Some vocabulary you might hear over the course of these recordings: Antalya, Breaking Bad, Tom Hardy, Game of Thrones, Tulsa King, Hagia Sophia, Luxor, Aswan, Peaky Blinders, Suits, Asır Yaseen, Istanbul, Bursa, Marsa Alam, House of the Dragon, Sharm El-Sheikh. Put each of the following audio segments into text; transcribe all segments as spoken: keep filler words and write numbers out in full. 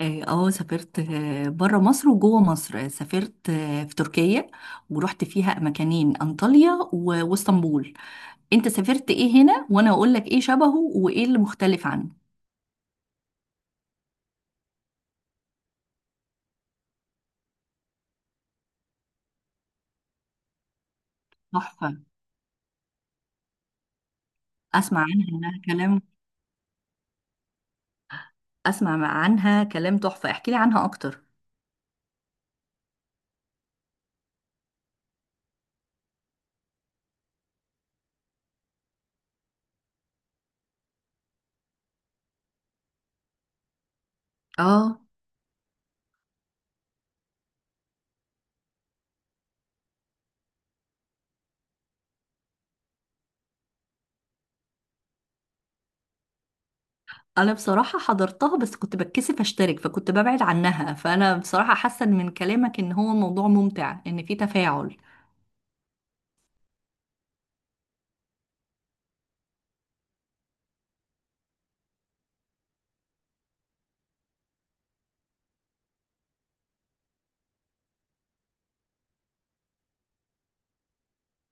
اه آه، سافرت آه، بره مصر وجوه مصر، آه، سافرت آه، في تركيا. ورحت فيها مكانين، انطاليا و- واسطنبول. انت سافرت ايه هنا وانا اقول لك ايه شبهه وايه اللي مختلف عنه؟ تحفة. اسمع عنها انها كلام. اسمع عنها كلام تحفة، احكي لي عنها اكتر. اه، انا بصراحة حضرتها بس كنت بتكسف اشترك فكنت ببعد عنها، فانا بصراحة حاسة من كلامك ان هو الموضوع ممتع، ان في تفاعل.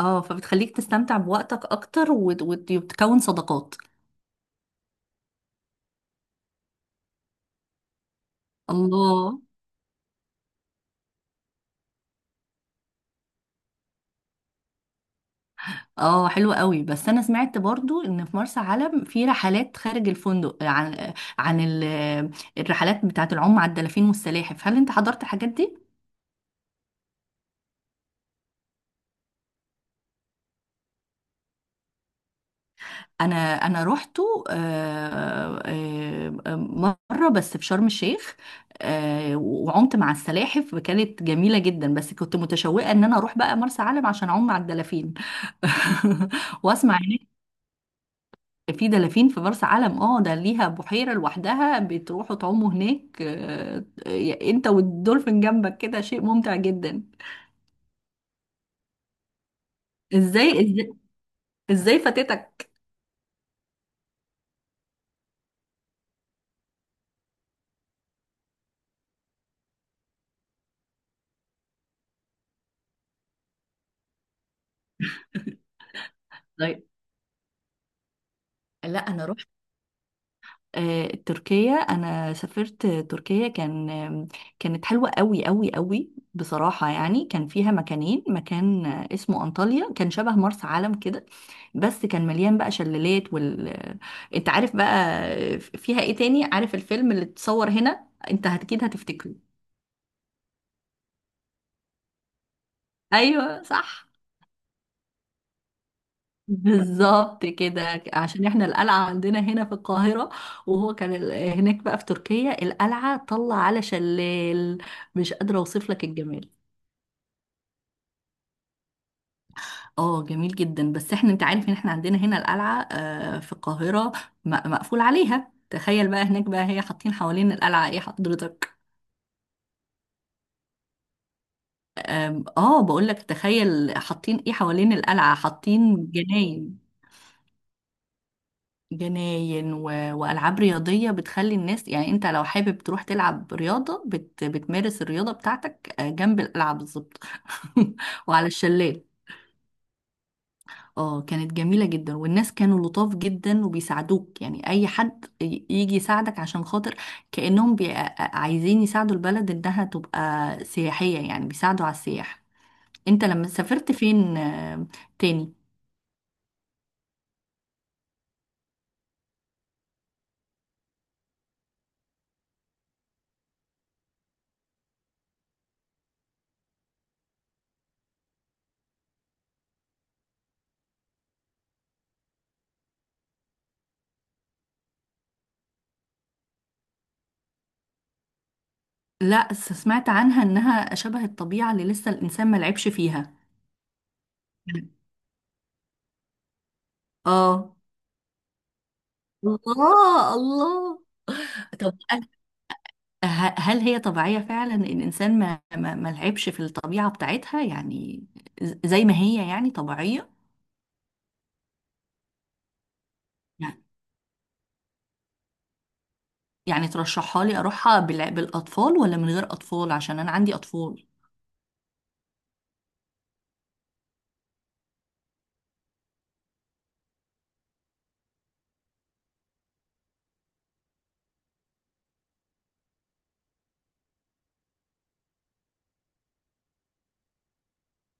اه، فبتخليك تستمتع بوقتك اكتر وت- وت- وتكون صداقات. الله. اه، حلو قوي، بس انا سمعت برضو ان في مرسى علم في رحلات خارج الفندق عن عن ال- الرحلات بتاعه العوم على الدلافين والسلاحف، هل انت حضرت الحاجات دي؟ انا انا روحته، آه، آه، آه، مره بس في شرم الشيخ. آه، وعمت مع السلاحف، كانت جميله جدا، بس كنت متشوقه ان انا اروح بقى مرسى علم عشان اعوم مع الدلافين. واسمع. في دلافين في مرسى علم، اه، ده ليها بحيرة لوحدها بتروحوا تعوموا هناك، آه، آه، انت والدولفين جنبك كده، شيء ممتع جدا. ازاي ازاي ازاي فاتتك؟ طيب. لا انا، آه، تركيا. انا سافرت تركيا، كان آم، كانت حلوه قوي قوي قوي بصراحه، يعني كان فيها مكانين، مكان آه، اسمه انطاليا كان شبه مرسى علم كده، بس كان مليان بقى شلالات وال آه، انت عارف بقى. آه، فيها ايه تاني؟ عارف الفيلم اللي اتصور هنا؟ انت اكيد هتفتكره. ايوه صح. بالظبط كده، عشان احنا القلعة عندنا هنا في القاهرة، وهو كان ال- هناك بقى في تركيا القلعة طلع على شلال. مش قادرة اوصف لك الجمال. اه جميل جدا. بس احنا، انت عارف ان احنا عندنا هنا القلعة آه، في القاهرة، م- مقفول عليها. تخيل بقى هناك بقى هي حاطين حوالين القلعة ايه حضرتك. آم، اه بقول لك، تخيل حاطين ايه حوالين القلعة؟ حاطين جناين. جناين و... وألعاب رياضية بتخلي الناس، يعني أنت لو حابب تروح تلعب رياضة بت... بتمارس الرياضة بتاعتك آه، جنب الألعاب، بالظبط. وعلى الشلال. اه كانت جميلة جدا، والناس كانوا لطاف جدا وبيساعدوك، يعني أي حد ي- يجي يساعدك عشان خاطر، كأنهم بي... آه، آه، عايزين يساعدوا البلد إنها تبقى سياحية، يعني بيساعدوا على السياح. أنت لما سافرت فين آه، تاني؟ لا س- سمعت عنها إنها شبه الطبيعة اللي لسه الإنسان ما لعبش فيها. اه. الله الله. طب ه- هل هي طبيعية فعلا، إن الإنسان ما ما ما لعبش في الطبيعة بتاعتها؟ يعني ز- زي ما هي يعني طبيعية. يعني، يعني ترشحها لي أروحها بالع- بالأطفال ولا من غير أطفال؟ عشان أنا عندي أطفال.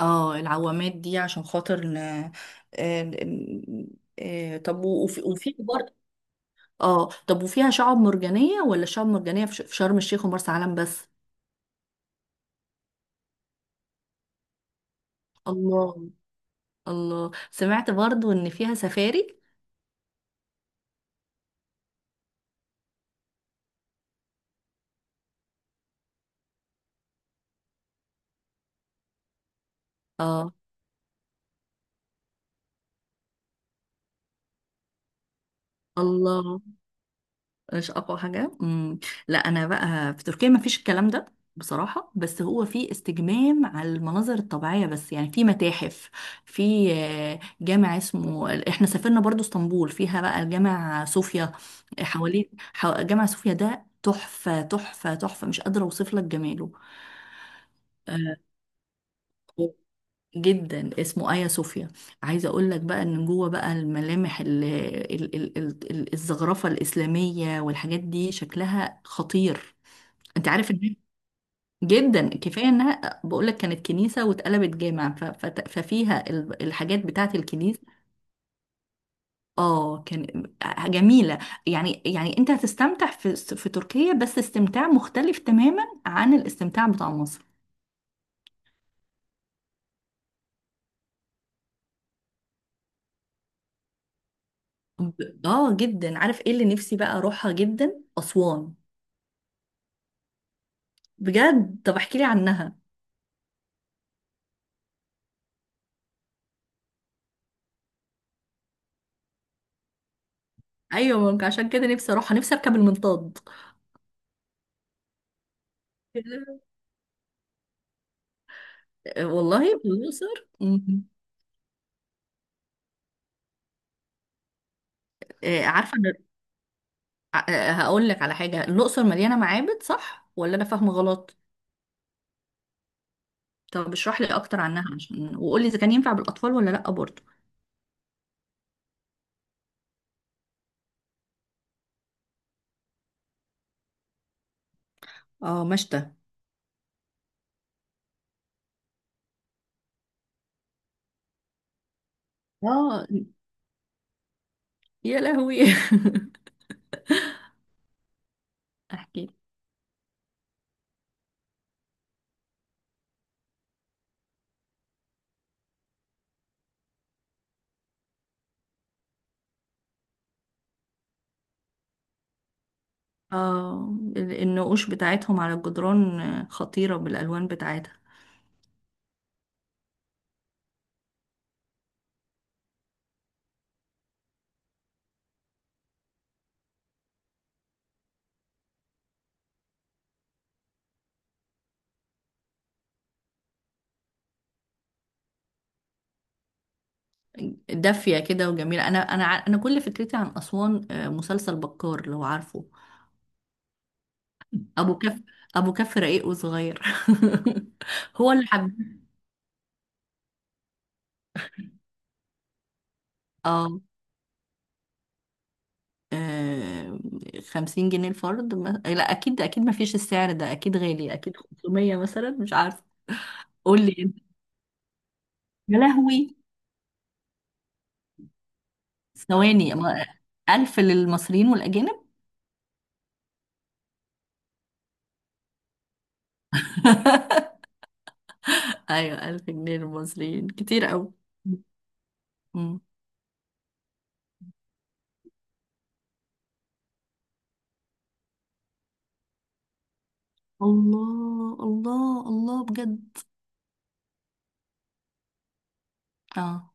اه العوامات دي عشان خاطر ن... آه، ن- آه، طب وفي وفي برضه. اه، طب وفيها شعاب مرجانية، ولا شعاب مرجانية في ش- في شرم الشيخ ومرسى علم بس؟ الله. الله، سمعت برضو ان فيها سفاري. اه. الله. مش اقوى حاجه. امم لا انا بقى في تركيا ما فيش الكلام ده بصراحه، بس هو في استجمام على المناظر الطبيعيه، بس يعني في متاحف، في آه، جامع اسمه، احنا سافرنا برضو اسطنبول فيها بقى الجامع صوفيا. حواليه حو... جامع صوفيا ده تحفه تحفه تحفه، مش قادره اوصف لك جماله. آه، جدا، اسمه آيا صوفيا. عايزه اقول لك بقى ان جوه بقى الملامح ال ال ال ال ال- الزخرفه الاسلاميه والحاجات دي شكلها خطير. انت عارف ان جدا، كفايه انها بقول لك كانت كنيسه واتقلبت جامع ف- فت- ففيها ال- الحاجات بتاعه الكنيسه. اه كان جميله. يعني، يعني انت هتستمتع في في تركيا، بس استمتاع مختلف تماما عن الاستمتاع بتاع مصر. ب- اه جدا. عارف ايه اللي نفسي بقى اروحها جدا؟ اسوان. بجد، طب احكي لي عنها. ايوه، ممكن عشان كده نفسي اروح، نفسي اركب المنطاد. كده. آه، والله الاقصر. مم. آه، عارفه أنا- آه، آه، هقول لك على حاجه، الاقصر مليانه معابد صح ولا انا فاهمه غلط؟ طب اشرح لي اكتر عنها، عشان وقول لي اذا كان ينفع بالاطفال ولا لا برضه. اه مشتى. اه، يا لهوي. احكي. اه، ال- النقوش بتاعتهم على الجدران آه، خطيره بالالوان بتاعتها. دافية كده وجميلة. أنا أنا ع- أنا كل فكرتي عن أسوان آه، مسلسل بكار، لو عارفه. أبو كف. أبو كف رقيق وصغير. هو اللي حب. اه. آه، خمسين جنيه الفرد؟ ما... لا أكيد أكيد ما فيش السعر ده، أكيد غالي، أكيد خمسمية مثلا، مش عارفة. قول لي أنت. يا لهوي. ثواني ما- ألف للمصريين والأجانب؟ أيوة، ألف جنيه للمصريين كتير أوي. مم. الله الله الله، بجد. اه،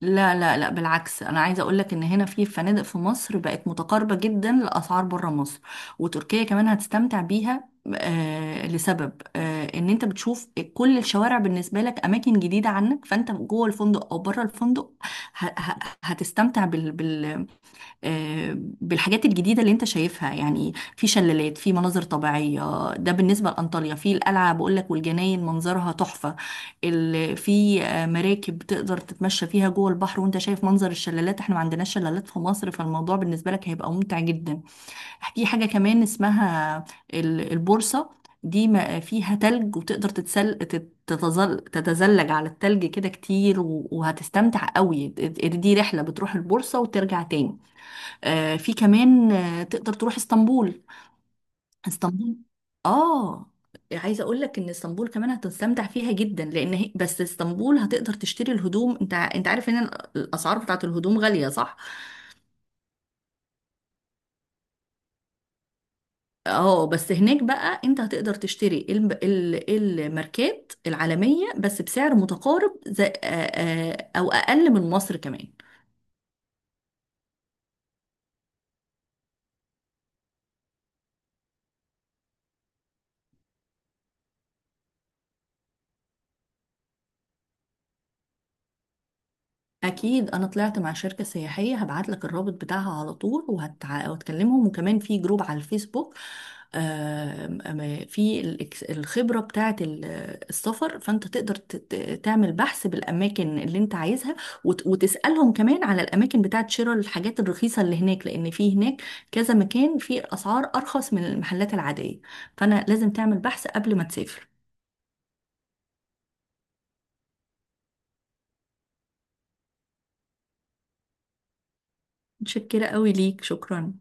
لا لا لا بالعكس، انا عايزه اقول لك ان هنا في فنادق في مصر بقت متقاربه جدا لاسعار بره مصر، وتركيا كمان هتستمتع بيها، آه لسبب آه ان انت بتشوف كل الشوارع بالنسبه لك اماكن جديده عنك، فانت جوه الفندق او بره الفندق ه- ه- هتستمتع بال بال آه، بالحاجات الجديدة اللي انت شايفها. يعني في شلالات، في مناظر طبيعية، ده بالنسبة لأنطاليا. في القلعة بقولك والجناين منظرها تحفة. ال- في آه، مراكب تقدر تتمشى فيها جوه البحر وانت شايف منظر الشلالات، احنا ما عندناش شلالات في مصر، فالموضوع بالنسبة لك هيبقى ممتع جدا. في حاجة كمان اسمها ال- البورصة، دي ما- فيها تلج وتقدر تتسل تت- تتزل... تتزلج على التلج كده كتير و... وهتستمتع قوي. دي رحلة بتروح البورصة وترجع تاني. آه، في كمان آه، تقدر تروح اسطنبول. اسطنبول، اه. عايزه اقول لك ان اسطنبول كمان هتستمتع فيها جدا، لان هي، بس اسطنبول هتقدر تشتري الهدوم. انت ع- انت عارف ان ال- الاسعار بتاعت الهدوم غاليه صح؟ اه بس هناك بقى انت هتقدر تشتري الم- ال- الماركات العالميه بس بسعر متقارب زي آه، آه، او اقل من مصر كمان. اكيد، انا طلعت مع شركه سياحيه هبعت لك الرابط بتاعها على طول وهتع... وهتكلمهم، وكمان في جروب على الفيسبوك. آم، آم، في الإكس- الخبره بتاعه ال- السفر، فانت تقدر ت- ت- تعمل بحث بالاماكن اللي انت عايزها، وت... وتسالهم كمان على الاماكن بتاعه شراء الحاجات الرخيصه اللي هناك، لان في هناك كذا مكان في اسعار ارخص من المحلات العاديه، فانا لازم تعمل بحث قبل ما تسافر. متشكره قوي ليك، شكرا.